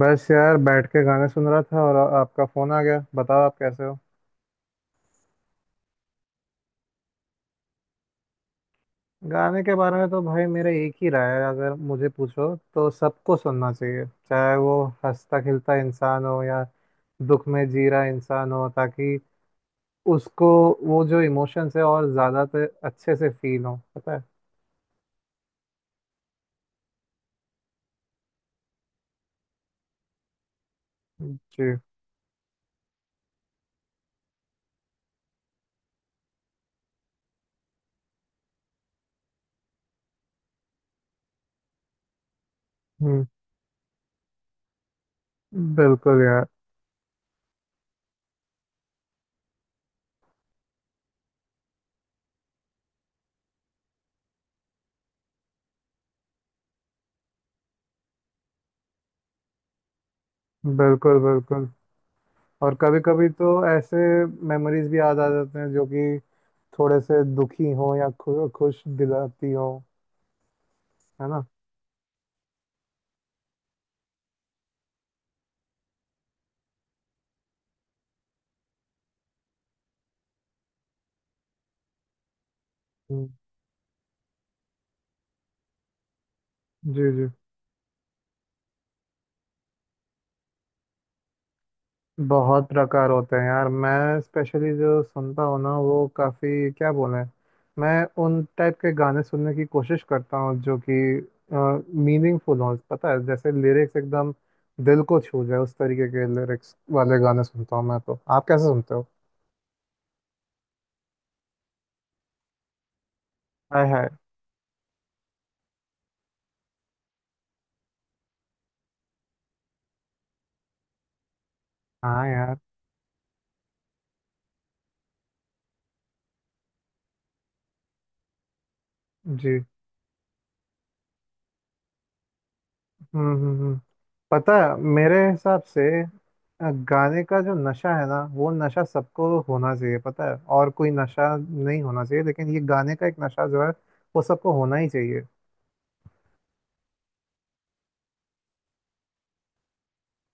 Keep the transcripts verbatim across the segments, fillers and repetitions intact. बस यार, बैठ के गाने सुन रहा था और आ- आपका फोन आ गया। बताओ, आप कैसे हो। गाने के बारे में तो भाई मेरा एक ही राय है। अगर मुझे पूछो तो सबको सुनना चाहिए, चाहे वो हंसता खिलता इंसान हो या दुख में जी रहा इंसान हो, ताकि उसको वो जो इमोशंस है और ज़्यादा तो अच्छे से फील हो, पता है। जी। हम्म। बिल्कुल यार। बिल्कुल बिल्कुल। और कभी कभी तो ऐसे मेमोरीज भी याद आ जाते हैं जो कि थोड़े से दुखी हो या खु, खुश दिलाती हो। है ना। हम्म, जी जी। बहुत प्रकार होते हैं यार। मैं स्पेशली जो सुनता हूँ ना, वो काफ़ी क्या बोलें, मैं उन टाइप के गाने सुनने की कोशिश करता हूँ जो कि मीनिंगफुल हों, पता है। जैसे लिरिक्स एकदम दिल को छू जाए, उस तरीके के लिरिक्स वाले गाने सुनता हूँ मैं। तो आप कैसे सुनते हो। हाय हाय। हाँ यार। जी। हम्म हम्म, हम्म। पता है, मेरे हिसाब से अ, गाने का जो नशा है ना, वो नशा सबको होना चाहिए, पता है। और कोई नशा नहीं होना चाहिए, लेकिन ये गाने का एक नशा जो है, वो सबको होना ही चाहिए।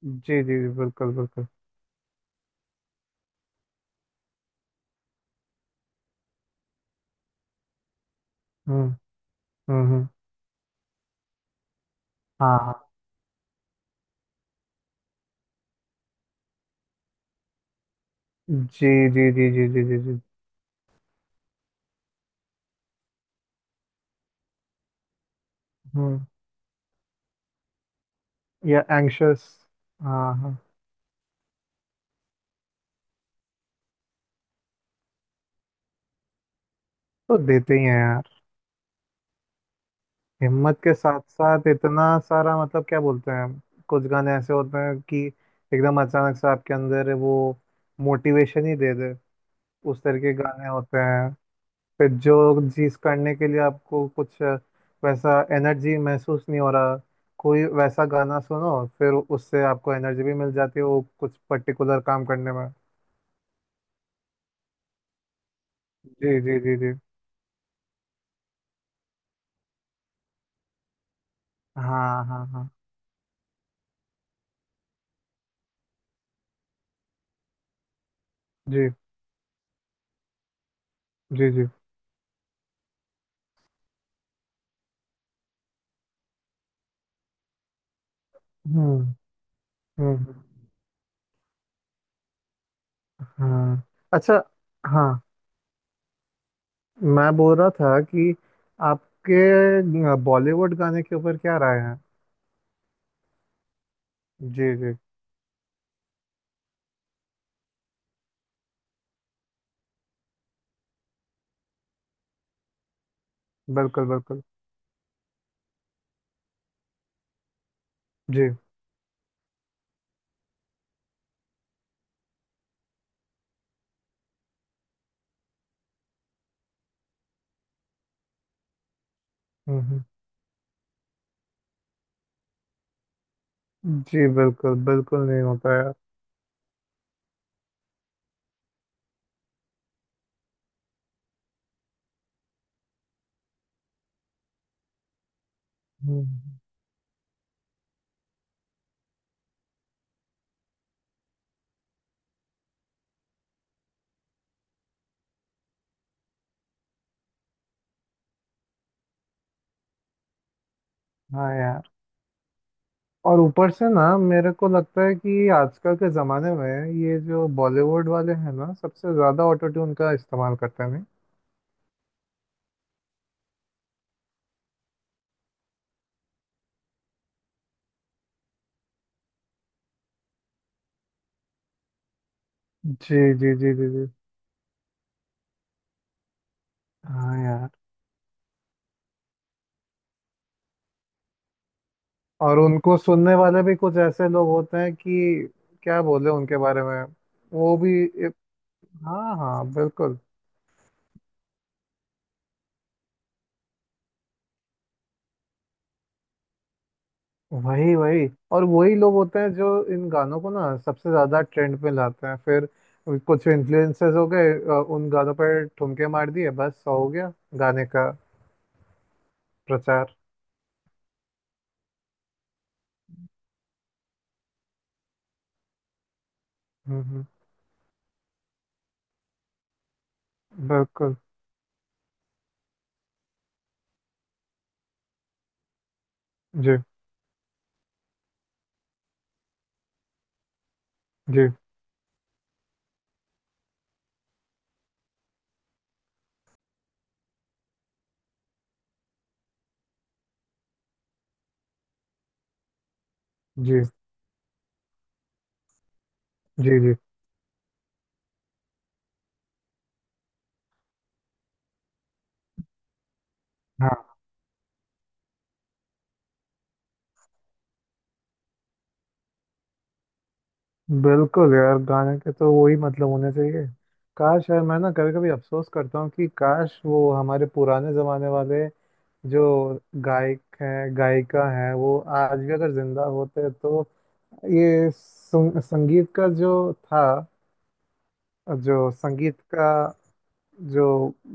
जी जी जी बिल्कुल बिल्कुल। हम्म हम्म हम्म। हाँ हाँ। जी जी जी जी जी जी जी। हम्म। या एंग्शियस। हाँ हाँ। तो देते ही हैं यार। हिम्मत के साथ साथ इतना सारा, मतलब क्या बोलते हैं, कुछ गाने ऐसे होते हैं कि एकदम अचानक से आपके अंदर वो मोटिवेशन ही दे दे। उस तरह के गाने होते हैं। फिर जो चीज करने के लिए आपको कुछ वैसा एनर्जी महसूस नहीं हो रहा, कोई वैसा गाना सुनो, फिर उससे आपको एनर्जी भी मिल जाती है वो कुछ पर्टिकुलर काम करने में। जी जी जी जी। हाँ हाँ हाँ। जी जी जी। हम्म हम्म। हाँ। अच्छा। हाँ, मैं बोल रहा था कि आपके बॉलीवुड गाने के ऊपर क्या राय है। जी जी। बिल्कुल बिल्कुल। जी। हम्म हम्म। जी, बिल्कुल बिल्कुल नहीं होता यार। हम्म, हाँ यार। और ऊपर से ना मेरे को लगता है कि आजकल के ज़माने में ये जो बॉलीवुड वाले हैं ना, सबसे ज़्यादा ऑटो ट्यून का इस्तेमाल करते हैं, नहीं। जी जी जी जी जी। हाँ यार। और उनको सुनने वाले भी कुछ ऐसे लोग होते हैं कि क्या बोले उनके बारे में। वो भी। हाँ हाँ बिल्कुल। वही वही, और वही लोग होते हैं जो इन गानों को ना सबसे ज्यादा ट्रेंड पे लाते हैं। फिर कुछ इन्फ्लुएंसर्स हो गए, अ, उन गानों पर ठुमके मार दिए, बस हो गया गाने का प्रचार। हम्म हम्म, बिल्कुल। जी जी जी जी जी। हाँ। बिल्कुल यार, गाने के तो वही मतलब होने चाहिए। काश यार, मैं ना कभी कभी अफसोस करता हूँ कि काश वो हमारे पुराने जमाने वाले जो गायक हैं, गायिका हैं, वो आज भी अगर जिंदा होते, तो ये सुन- संगीत का जो था, जो संगीत का जो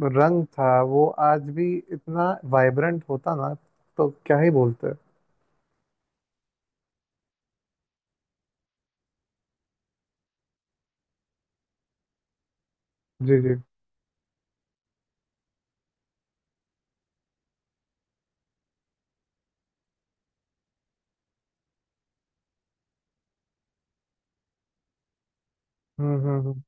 रंग था, वो आज भी इतना वाइब्रेंट होता ना, तो क्या ही बोलते। जी जी। हम्म हम्म हम्म।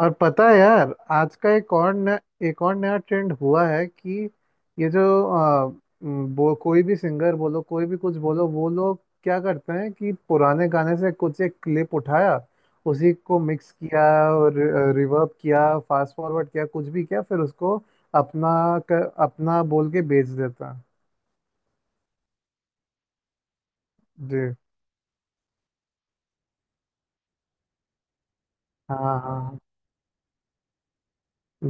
और पता है यार, आज का एक और नया एक और नया ट्रेंड हुआ है कि ये जो अ, म, वो कोई भी सिंगर बोलो, कोई भी कुछ बोलो, वो लोग क्या करते हैं कि पुराने गाने से कुछ एक क्लिप उठाया, उसी को मिक्स किया और रिवर्ब किया, फास्ट फॉरवर्ड किया, कुछ भी किया, फिर उसको अपना क- अपना बोल के बेच देता है। जी। हाँ हाँ हाँ।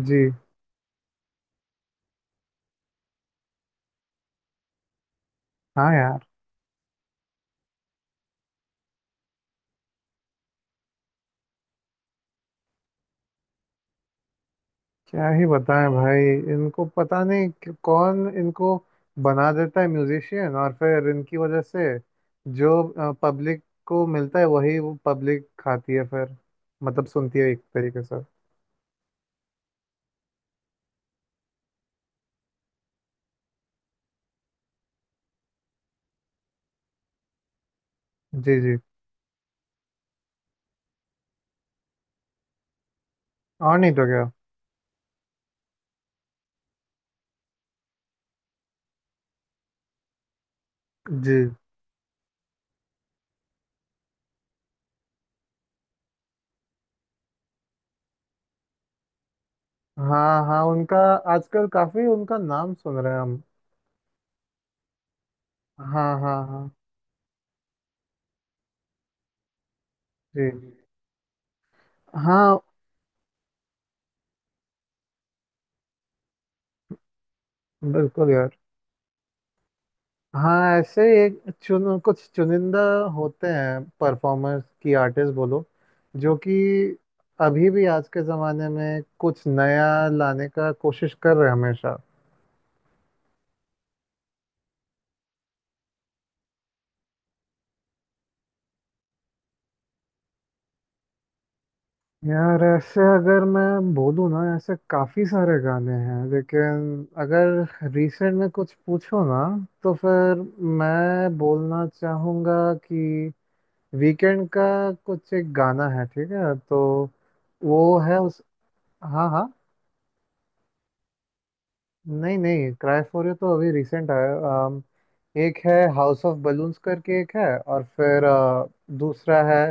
जी। हाँ यार। क्या ही बताएं भाई। इनको पता नहीं कि कौन इनको बना देता है म्यूजिशियन, और फिर इनकी वजह से जो पब्लिक को मिलता है वही वो पब्लिक खाती है, फिर मतलब सुनती है एक तरीके से। जी जी। और नहीं तो क्या। जी। हाँ हाँ, उनका आजकल काफी उनका नाम सुन रहे हैं हम। हाँ हाँ हाँ। जी। हाँ, बिल्कुल यार। हाँ, ऐसे ही एक चुन कुछ चुनिंदा होते हैं परफॉर्मर्स की आर्टिस्ट बोलो, जो कि अभी भी आज के ज़माने में कुछ नया लाने का कोशिश कर रहे हैं हमेशा। यार, ऐसे अगर मैं बोलूँ ना, ऐसे काफ़ी सारे गाने हैं, लेकिन अगर रिसेंट में कुछ पूछो ना, तो फिर मैं बोलना चाहूँगा कि वीकेंड का कुछ एक गाना है ठीक है, तो वो है उस। हाँ हाँ। नहीं नहीं, क्राइफोरियो तो अभी रिसेंट आया है। अम, एक है हाउस ऑफ बलून्स करके एक है, और फिर अ, दूसरा है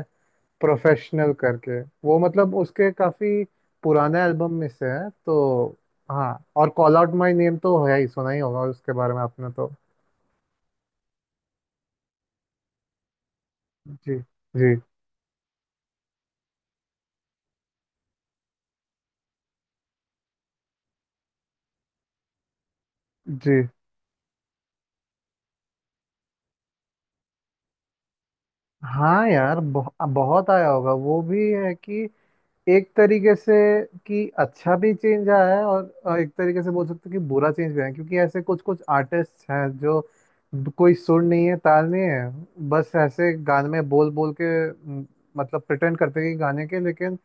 प्रोफेशनल करके। वो मतलब उसके काफी पुराने एल्बम में से है तो। हाँ, और कॉल आउट माय नेम तो है ही, सुना ही होगा उसके बारे में आपने तो। जी जी जी। हाँ यार, बहु, बहुत आया होगा। वो भी है कि एक तरीके से कि अच्छा भी चेंज आया है, और अ, एक तरीके से बोल सकते हैं कि बुरा चेंज भी आया है, क्योंकि ऐसे कुछ कुछ आर्टिस्ट हैं जो ब- कोई सुर नहीं है, ताल नहीं है, बस ऐसे गाने में बोल बोल के, म, मतलब प्रिटेंड करते हैं कि गाने के, लेकिन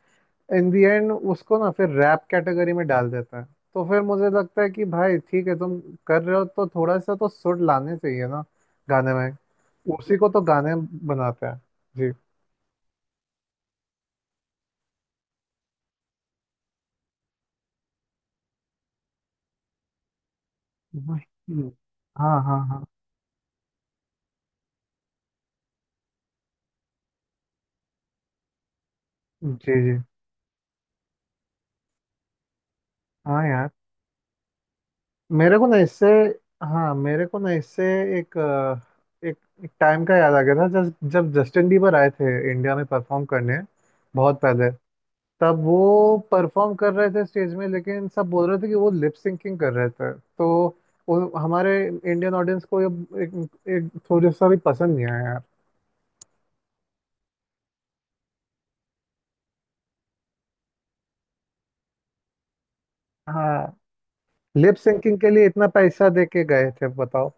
इन दी एंड उसको ना फिर रैप कैटेगरी में डाल देते हैं। तो फिर मुझे लगता है कि भाई ठीक है, तुम कर रहे हो तो थोड़ा सा तो सुर लाने चाहिए ना गाने में। उसी को तो गाने बनाते हैं। जी। वही। हाँ हाँ हाँ। जी जी। हाँ यार, मेरे को ना इससे। हाँ, मेरे को ना इससे एक अ, एक एक टाइम का याद आ गया था, जब जब जस्टिन बीबर आए थे इंडिया में परफॉर्म करने, बहुत पहले। तब वो परफॉर्म कर रहे थे स्टेज में, लेकिन सब बोल रहे थे कि वो लिप सिंकिंग कर रहे थे, तो उन- हमारे इंडियन ऑडियंस को ये एक, एक थोड़ा सा भी पसंद नहीं आया यार। हाँ, लिप सिंकिंग के लिए इतना पैसा दे के गए थे बताओ।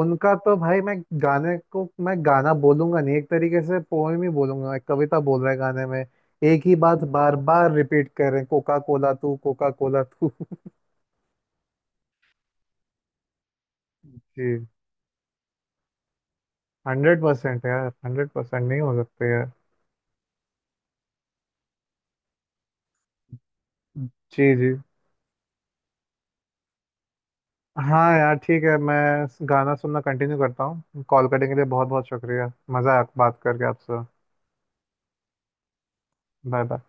उनका तो भाई मैं गाने को मैं गाना बोलूंगा नहीं, एक तरीके से पोएम ही बोलूंगा। एक कविता बोल रहा है गाने में। एक ही बात बार बार रिपीट कर रहे हैं, कोका कोला तू, कोका कोला तू। जी। हंड्रेड परसेंट यार, हंड्रेड परसेंट नहीं हो सकते यार। जी जी। हाँ यार ठीक है। मैं गाना सुनना कंटिन्यू करता हूँ। कॉल करने के लिए बहुत बहुत शुक्रिया, मज़ा आया बात करके आपसे। Bye bye.